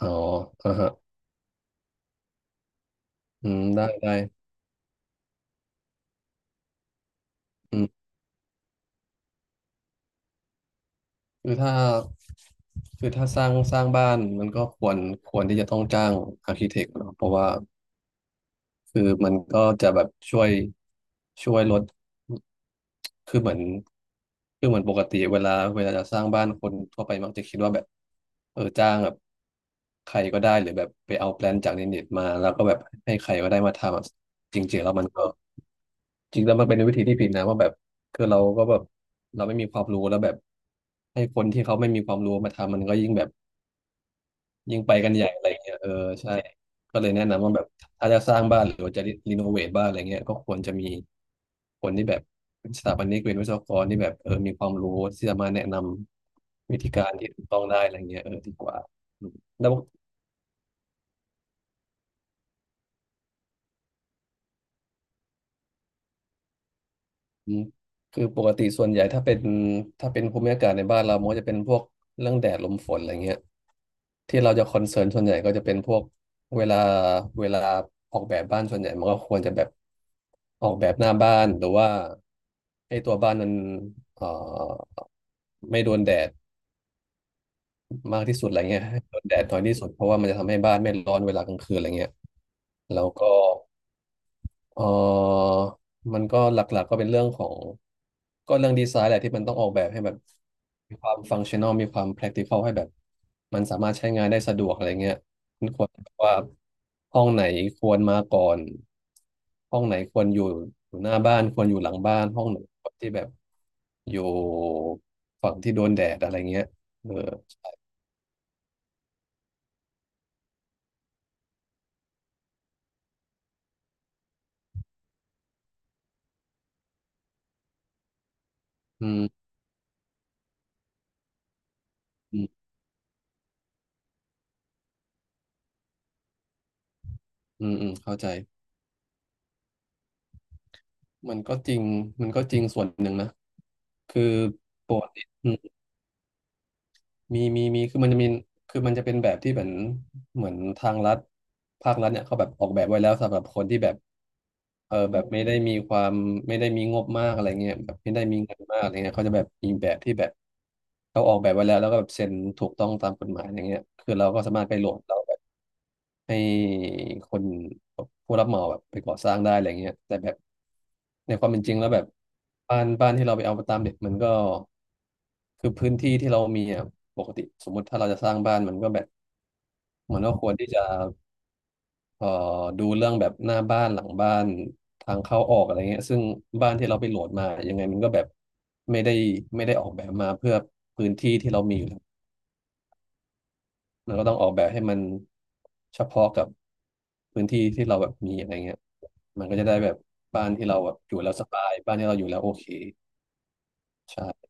อ๋ออ่าฮะอืมได้ได้อืมคือถ้าคือถ้าสร้างบ้าน มันก็ควรที่จะต้องจ้างอาร์คิเทคเนาะเพราะว่า คือมันก็จะแบบช่วยลดคือเหมือนคือเหมือนปกติเวลาจะสร้างบ้าน คนทั่วไปมักจะคิดว่าแบบจ้างแบบใครก็ได้ หรือแบบไปเอาแปลนจากในเน็ตมา แล้วก็แบบให้ใครก็ได้มาทำอะจริงๆแล้วมันก็ จริงแล้วมันเป็นวิธีที่ผิดนะว่าแบบคือเราก็แบบเราไม่มีความรู้แล้วแบบให้คนที่เขาไม่มีความรู้มาทำมันก็ยิ่งแบบยิ่งไปกันใหญ่อะไรเงี้ยใช่ก็เลยแนะนำว่าแบบถ้าจะสร้างบ้านหรือว่าจะรีโนเวทบ้านอะไรเงี้ยก็ควรจะมีคนที่แบบเป็นสถาปนิกเป็นวิศวกรที่แบบมีความรู้ที่จะมาแนะนำวิธีการที่ถูกต้องได้อะไรเงี้ยดีกว่าอืมแล้วอืมคือปกติส่วนใหญ่ถ้าเป็นภูมิอากาศในบ้านเรามันก็จะเป็นพวกเรื่องแดดลมฝนอะไรเงี้ย ที่เราจะคอนเซิร์นส่วนใหญ่ก็จะเป็นพวกเวลาเวลาออกแบบบ้านส่วนใหญ่มันก็ควรจะแบบออกแบบหน้าบ้านหรือว่าให้ตัวบ้านมันเอ่อไม่โดนแดดมากที่สุดอะไรเงี้ยให้โดนแดดน้อยที่สุดเพราะว่ามันจะทำให้บ้านไม่ร้อนเวลากลางคืนอะไรเงี้ยแล้วก็เออมันก็หลักๆก็เป็นเรื่องของก็เรื่องดีไซน์แหละที่มันต้องออกแบบให้แบบมีความฟังชั่น a ลมีความ practical ให้แบบมันสามารถใช้งานได้สะดวกอะไรเงี้ย ว่าห้องไหนควรมาก่อนห้องไหนควรอยู่หน้าบ้านควรอยู่หลังบ้านห้องไหนควรที่แบบอยู่ฝั่งที่โดนแดดอะไรเงี้ยเอออืมอืมอืมอืมเข้าใจมันก็จริงมันก็จริงส่วนหนึ่งนะคือปกติอืมมีคือมันจะเป็นแบบที่เหมือนทางรัฐภาครัฐเนี่ยเขาแบบออกแบบไว้แล้วสำหรับคนที่แบบ แบบไม่ได้มีความไม่ได้มีงบมากอะไรเงี้ยแบบไม่ได้มีเงินมากอะไรเงี้ยเขาจะแบบมีแบบที่แบบเขาออกแบบไว้แล้วแล้วก็แบบเซ็นถูกต้องตามกฎหมายอย่างเงี้ยคือเราก็สามารถไปโหลดเราแบบให้คนผู้รับเหมาแบบไปก่อสร้างได้อะไรเงี้ยแต่แบบในความเป็นจริงแล้วแบบบ้านที่เราไปเอาตามเด็กมันก็คือพื้นที่ที่เรามีอ่ะปกติสมมติถ้าเราจะสร้างบ้านมันก็แบบมันก็ควรที่จะ เอ่อดูเรื่องแบบหน้าบ้านหลังบ้านทางเข้าออกอะไรเงี้ยซึ่งบ้านที่เราไปโหลดมายังไงมันก็แบบไม่ได้ไม่ได้ออกแบบมาเพื่อพื้นที่ที่เรามีอยู่แล้วมันก็ต้องออกแบบให้มันเฉพาะกับพื้นที่ที่เราแบบมีอะไรเงี้ยมันก็จะได้แบบบ้านที่เราแบบอยู่แล้วสบายบ้านที่เราอยู่แล้วโอเคใช่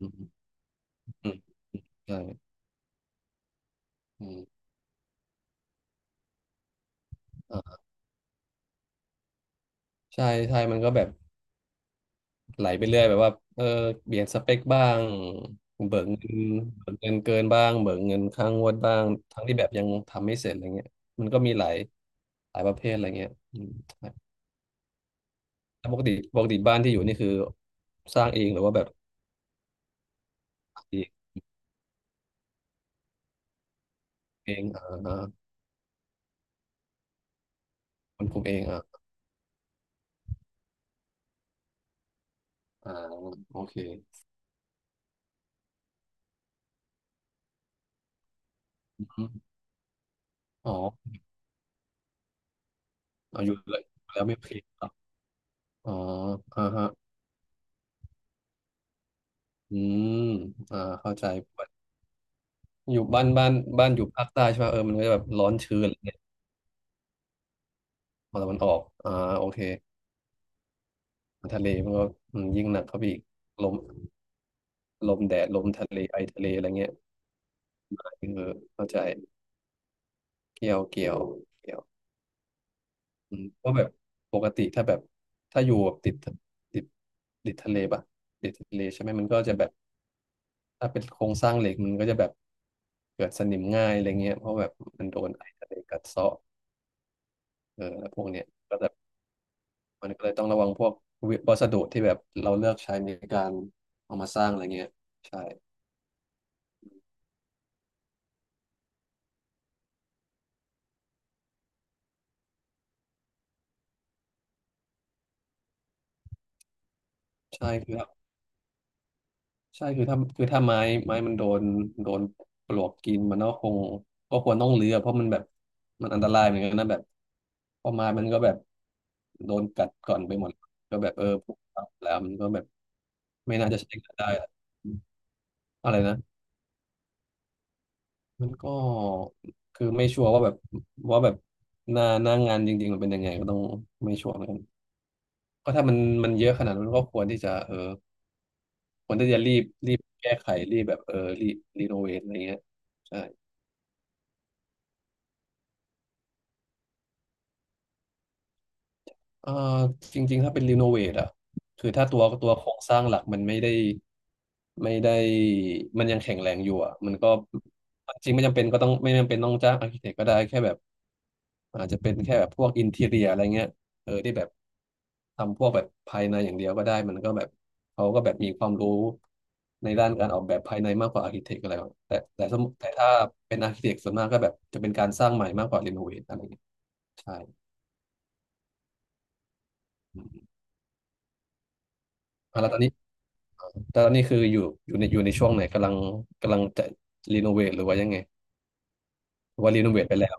อืมอืมใช่อืมอ่าใช่ใช่มันก็แบบ ไหลไปเรื่อยแบบว่าเปลี่ยนสเปคบ้างเบิกเงินเบิกเงินเกินบ้างเบิกเงินค้างงวดบ้างทั้งที่แบบยังทำไม่เสร็จอะไรเงี้ยมันก็มีหลายประเภทอะไรเงี้ยอืมใช่แล้วปกติบ้านที่อยู่นี่คือสร้างเองหรือว่าแบบเองเองอ่าอ่าคนคุมเองอ่าอ่าโอเคอมอ๋อเอาอยู่เลยแล้วไม่โอเคครับอ๋ออ่าฮะอืมอ่าเข้าใจอยู่บ้านบ้านอยู่ภาคใต้ใช่ป่ะมันก็จะแบบร้อนชื้น ฝั่งตะวันออกอ่าโอเคทะเลมันก็อืมยิ่งหนักเข้าไปอีกลมลมแดดลมทะเลไอทะเลอะไรเงี้ยคือเข้าใจเกี่ยวเกี่ยวอืมเพราะแบบปกติถ้าแบบถ้าอยู่แบบติดติดทะเลปะติดทะเลใช่ไหมมันก็จะแบบถ้าเป็นโครงสร้างเหล็กมันก็จะแบบเกิดสนิมง่ายอะไรเงี้ยเพราะแบบมันโดนไอทะเลกัดเซาะแล้วพวกเนี้ยก็แบบมันก็เลยต้องระวังพวกวัสดุที่แบบเราเลือกใช้ในการเอามาสร้างอะไรเงี้ยใช่ ใช่คือใช่คือถ้าคือถ้าไม้ไม้มันโดนโดนปลวกกินมันก็คงก็ควรต้องเลือเพราะมันแบบมันอันตรายเหมือนกันนะแบบเพอไม้มันก็แบบโดนกัดก่อนไปหมดก็แบบผุแล้วมันก็แบบไม่น่าจะใช้งานได้อะอะไรนะมันก็คือไม่ชัวร์ว่าแบบหน้างานจริงๆมันเป็นยังไงก็ต้องไม่ชัวร์เหมือนกันก็ถ้ามันเยอะขนาดนั้นก็ควรที่จะควรที่จะรีบแก้ไขรีบแบบรีโนเวทอะไรเงี้ยใช่เออจริงๆถ้าเป็นรีโนเวทอ่ะคือถ้าตัวโครงสร้างหลักมันไม่ได้มันยังแข็งแรงอยู่อ่ะมันก็จริงไม่จำเป็นก็ต้องไม่จำเป็นต้องจ้างอาร์เคเต็กก็ได้แค่แบบ อาจจะเป็นแค่แบบพวกอินทีเรียอะไรเงี้ยเออที่แบบทำพวกแบบภายในอย่างเดียวก็ได้มันก็แบบเขาก็แบบมีความรู้ในด้านการออกแบบภายในมากกว่าอาร์คิเทคอะไรแบบแต่สมมุติแต่ถ้าเป็นอาร์คิเทคส่วนมากก็แบบจะเป็นการสร้างใหม่มากกว่ารีโนเวทอะไรเงี้ยใช่อืมอ่ะแล้วตอนนี้แต่ตอนนี้คืออยู่อยู่ในช่วงไหนกำลังจะรีโนเวทหรือว่ายังไงหรือว่ารีโนเวทไปแล้ว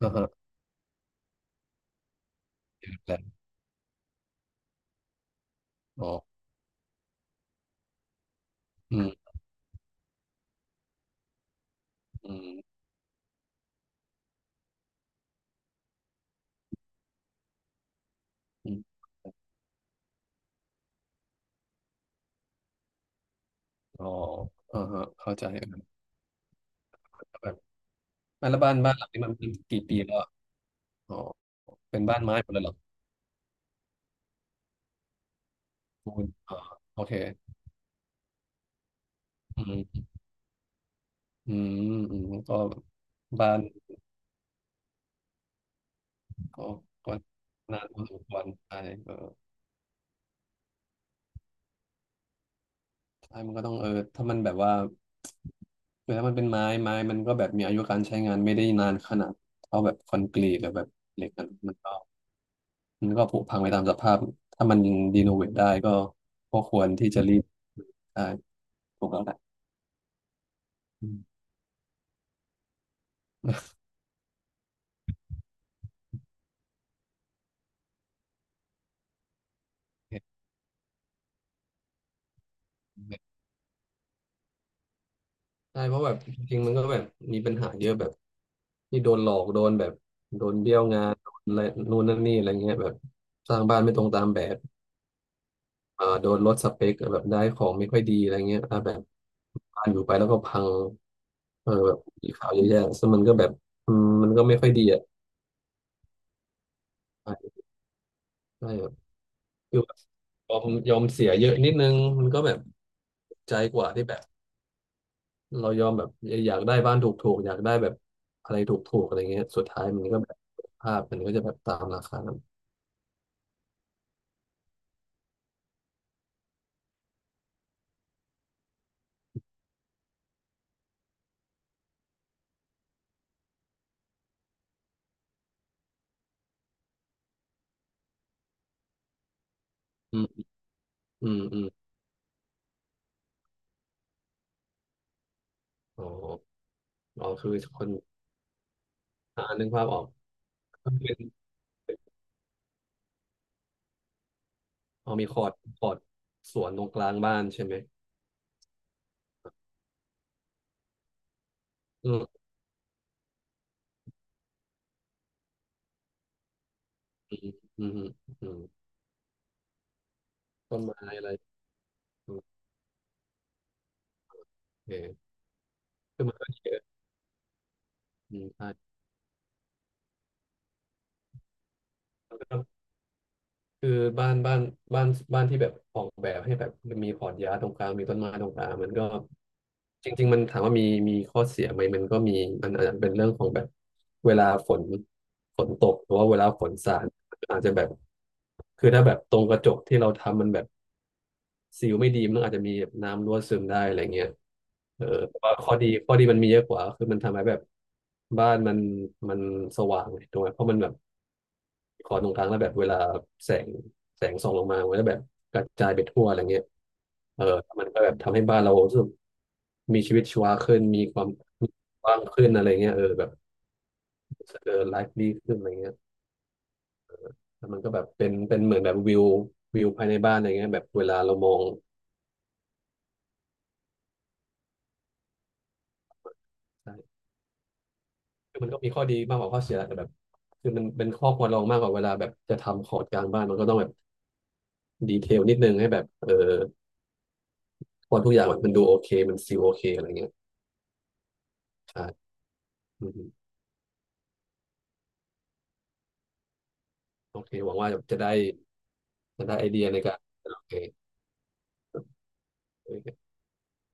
อ่าฮะแล้วอ๋ออืมอืมอืมอ๋ออ่าฮะเข้าใจ อ่ะแล้วบ้านหลังนี้มันเป็นกี่ปีแล้วอะอ๋อเป็นบ้านไม้หมดเลยเหรอปูนอ๋อโอเคอืมอืมอืมก็บ้านก็ก็นานพอสมควรใช่เออใช่มันก็ต้องเออถ้ามันแบบว่าแล้วมันเป็นไม้ไม้มันก็แบบมีอายุการใช้งานไม่ได้นานขนาดเท่าแบบคอนกรีตหรือแบบเหล็กนะมันก็ผุพังไปตามสภาพถ้ามันรีโนเวทได้ก็ก็ควรที่จะรีบใช่ถูกแล้วแหละอืม ใช่เพราะแบบจริงๆมันก็แบบมีปัญหาเยอะแบบที่โดนหลอกโดนแบบโดนเบี้ยวงานโดนอะไรนู่นนั่นนี่อะไรเงี้ยแบบสร้างบ้านไม่ตรงตามแบบอ่าโดนลดสเปคแบบได้ของไม่ค่อยดีอะไรเงี้ยอ่าแบบบ้านอยู่ไปแล้วก็พังเออแบบมีข่าวเยอะแยะซึ่งมันก็แบบอืมมันก็ไม่ค่อยดีอ่ะใช่ใช่แบบคือยอมเสียเยอะนิดนึงมันก็แบบใจกว่าที่แบบ เรายอมแบบอยากได้บ้านถูกๆอยากได้แบบอะไรถูกๆอะไรเงี้ยสุดท้ายมันก็แบบภาพมันก็จะแบบตามราคานั้นอืมอืมอืมอ๋ออ๋อคือคนอ่านึกภาพออกก็เป็นอ๋อมีคอร์ดคอร์ดสวนตรงกลางบ้านใช่ไหมอืมอืมอืมอืมต้นไม้อะไรโอเคคือมันก็เยอะอืมใช่ คือบ้านบ้านบ้านบ้านที่แบบออกแบบให้แบบมีพอร์ตยาตรงกลางมีต้นไม้ตรงกลางมันก็จริงๆมันถามว่ามีข้อเสียไหมมันก็มีมันอาจจะเป็นเรื่องของแบบเวลาฝนตกหรือว่าเวลาฝนสาดอาจจะแบบคือถ้าแบบตรงกระจกที่เราทำมันแบบซีลไม่ดีมันอาจจะมีแบบน้ำรั่วซึมได้อะไรเงี้ยเออแต่ว่าข้อดีมันมีเยอะกว่าคือมันทำให้แบบบ้านมันมันสว่างเลยถูกไหมเพราะมันแบบ คอนตรงกลางแล้วแบบเวลาแสงแสงส่องลงมามันก็แบบกระจายไปทั่วอะไรเงี้ยเออมันก็แบบทำให้บ้านเรารู้สึกมีชีวิตชีวาขึ้นมีความกว้างขึ้นอะไรเงี้ยเออแบบเออไลฟ์ดีขึ้นอะไรเงี้ยแล้วมันก็แบบเป็นเหมือนแบบวิวภายในบ้านอะไรเงี้ยแบบเวลาเรามองใช่คือมันก็มีข้อดีมากกว่าข้อเสียแต่แบบคือมันเป็นข้อควรระวังมากกว่าเวลาแบบจะทำขอดกลางบ้านมันก็ต้องแบบดีเทลนิดนึงให้แบบเออพอทุกอย่างมันดูโอเคมันซีลโอเคอะไรเงี้ยใช่อืม โอเคหวังว่าจะได้จะได้ไอเดียในการโอเคโอเค